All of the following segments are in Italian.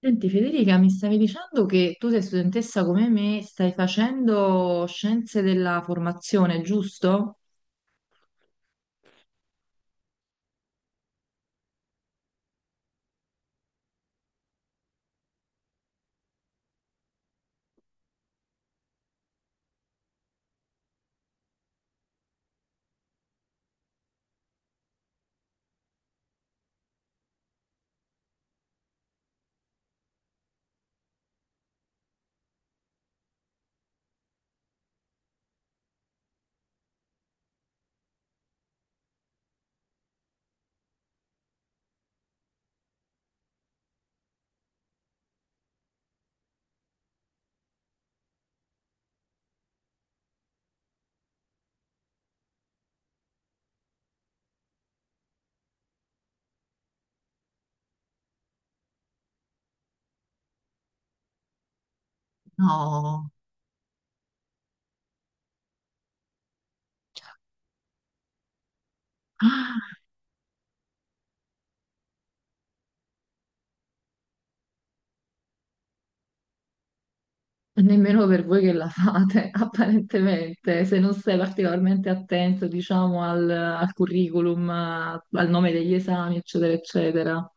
Senti Federica, mi stavi dicendo che tu sei studentessa come me, stai facendo scienze della formazione, giusto? No. Ah, nemmeno per voi che la fate, apparentemente, se non sei particolarmente attento, diciamo, al curriculum, al nome degli esami, eccetera, eccetera.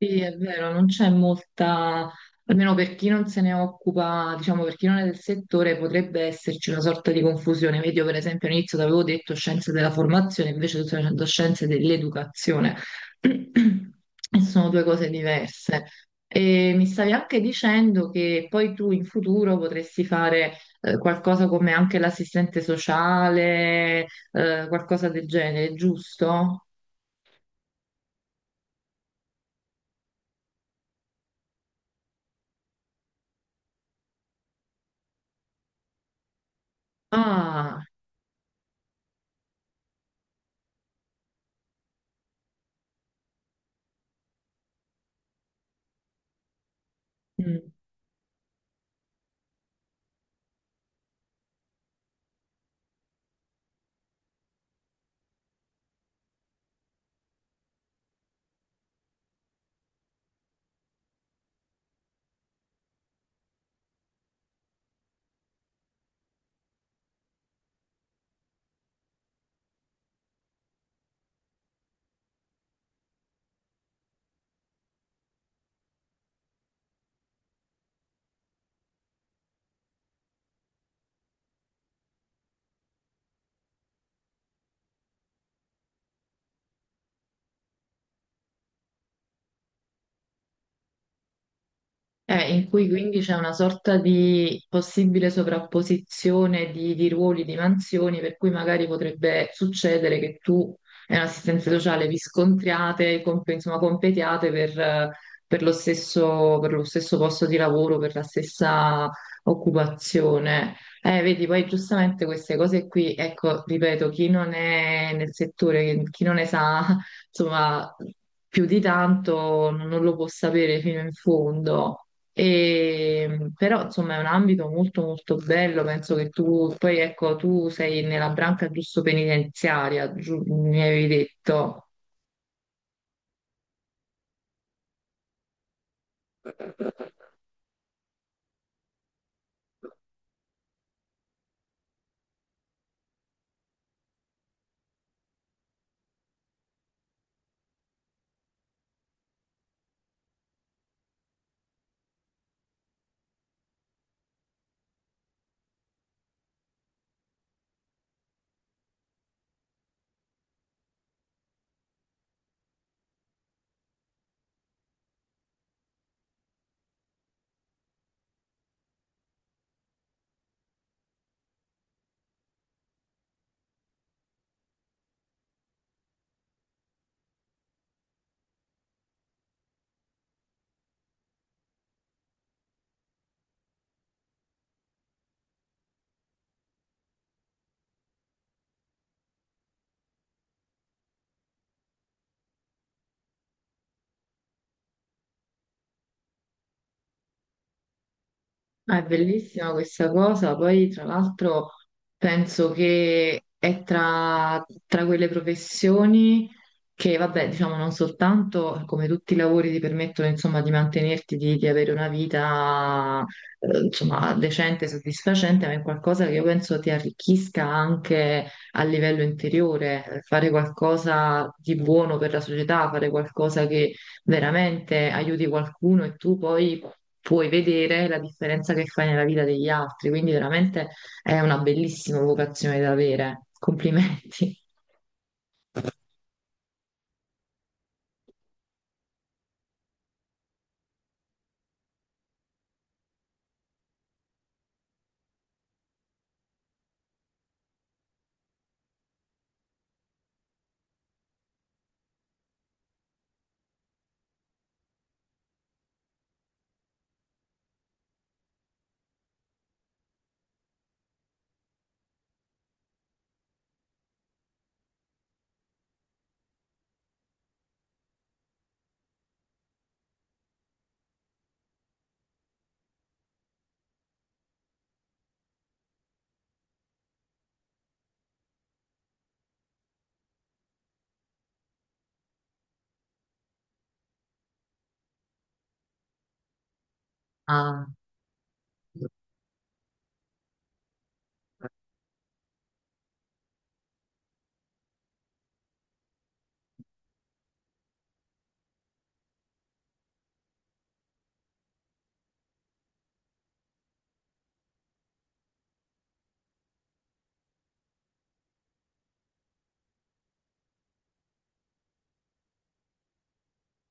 Sì, è vero, non c'è molta, almeno per chi non se ne occupa, diciamo per chi non è del settore, potrebbe esserci una sorta di confusione. Vedi, io per esempio all'inizio ti avevo detto scienze della formazione, invece tu stai facendo scienze dell'educazione. E sono due cose diverse. E mi stavi anche dicendo che poi tu in futuro potresti fare qualcosa come anche l'assistente sociale, qualcosa del genere, giusto? Ah. Mm. In cui quindi c'è una sorta di possibile sovrapposizione di ruoli, di mansioni, per cui magari potrebbe succedere che tu e un'assistenza sociale vi scontriate, insomma, competiate per lo stesso posto di lavoro, per la stessa occupazione. Vedi, poi giustamente queste cose qui, ecco, ripeto, chi non è nel settore, chi non ne sa, insomma, più di tanto non lo può sapere fino in fondo. E però insomma è un ambito molto molto bello, penso che tu poi ecco tu sei nella branca giusto penitenziaria, mi avevi detto. Ah, è bellissima questa cosa, poi tra l'altro penso che è tra quelle professioni che, vabbè, diciamo non soltanto come tutti i lavori ti permettono insomma di mantenerti, di avere una vita insomma decente, soddisfacente, ma è qualcosa che io penso ti arricchisca anche a livello interiore. Fare qualcosa di buono per la società, fare qualcosa che veramente aiuti qualcuno e tu poi puoi vedere la differenza che fai nella vita degli altri, quindi veramente è una bellissima vocazione da avere. Complimenti. Ah.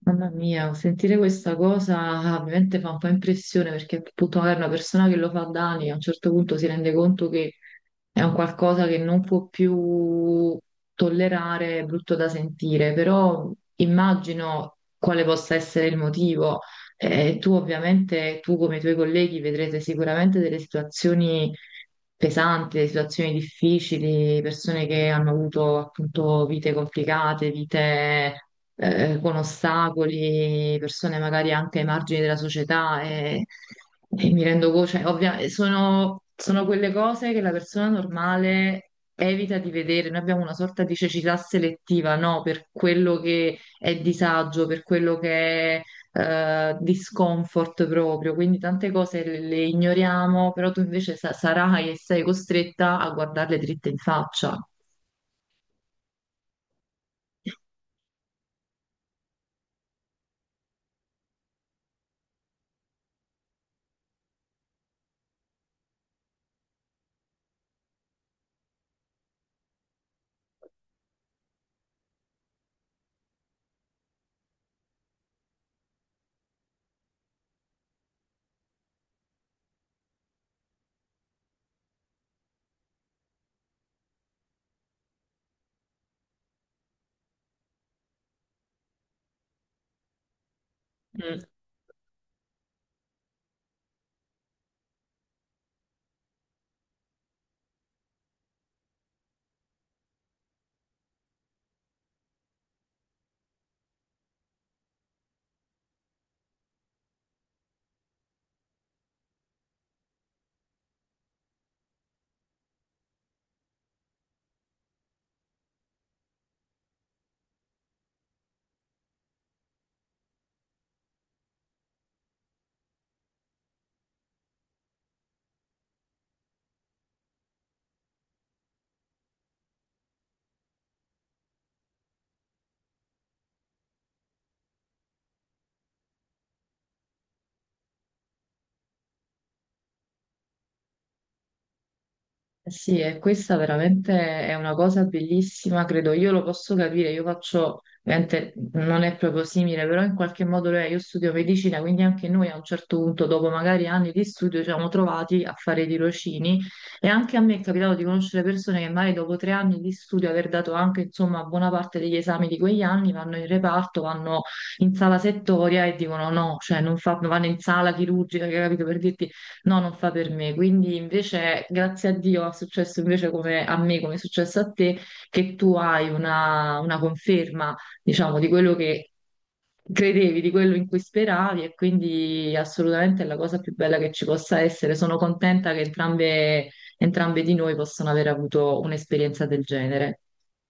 Mamma mia, sentire questa cosa ovviamente fa un po' impressione perché appunto magari una persona che lo fa da anni a un certo punto si rende conto che è un qualcosa che non può più tollerare, è brutto da sentire, però immagino quale possa essere il motivo. Tu come i tuoi colleghi vedrete sicuramente delle situazioni pesanti, delle situazioni difficili, persone che hanno avuto appunto vite complicate, vite con ostacoli, persone magari anche ai margini della società e mi rendo conto, cioè, sono quelle cose che la persona normale evita di vedere. Noi abbiamo una sorta di cecità selettiva, no? Per quello che è disagio, per quello che è di scomfort proprio, quindi tante cose le ignoriamo, però tu invece sarai e sei costretta a guardarle dritte in faccia. Mm. Eh sì, e questa veramente è una cosa bellissima, credo. Io lo posso capire, io faccio, ovviamente non è proprio simile, però in qualche modo lo è. Io studio medicina, quindi anche noi a un certo punto, dopo magari anni di studio, ci siamo trovati a fare i tirocini e anche a me è capitato di conoscere persone che magari dopo 3 anni di studio, aver dato anche insomma buona parte degli esami di quegli anni, vanno in reparto, vanno in sala settoria e dicono no, cioè non fa- vanno in sala chirurgica, capito, per dirti no, non fa per me, quindi invece grazie a Dio è successo invece come a me, come è successo a te, che tu hai una conferma, diciamo, di quello che credevi, di quello in cui speravi e quindi assolutamente è la cosa più bella che ci possa essere. Sono contenta che entrambe, entrambe di noi possano aver avuto un'esperienza del genere.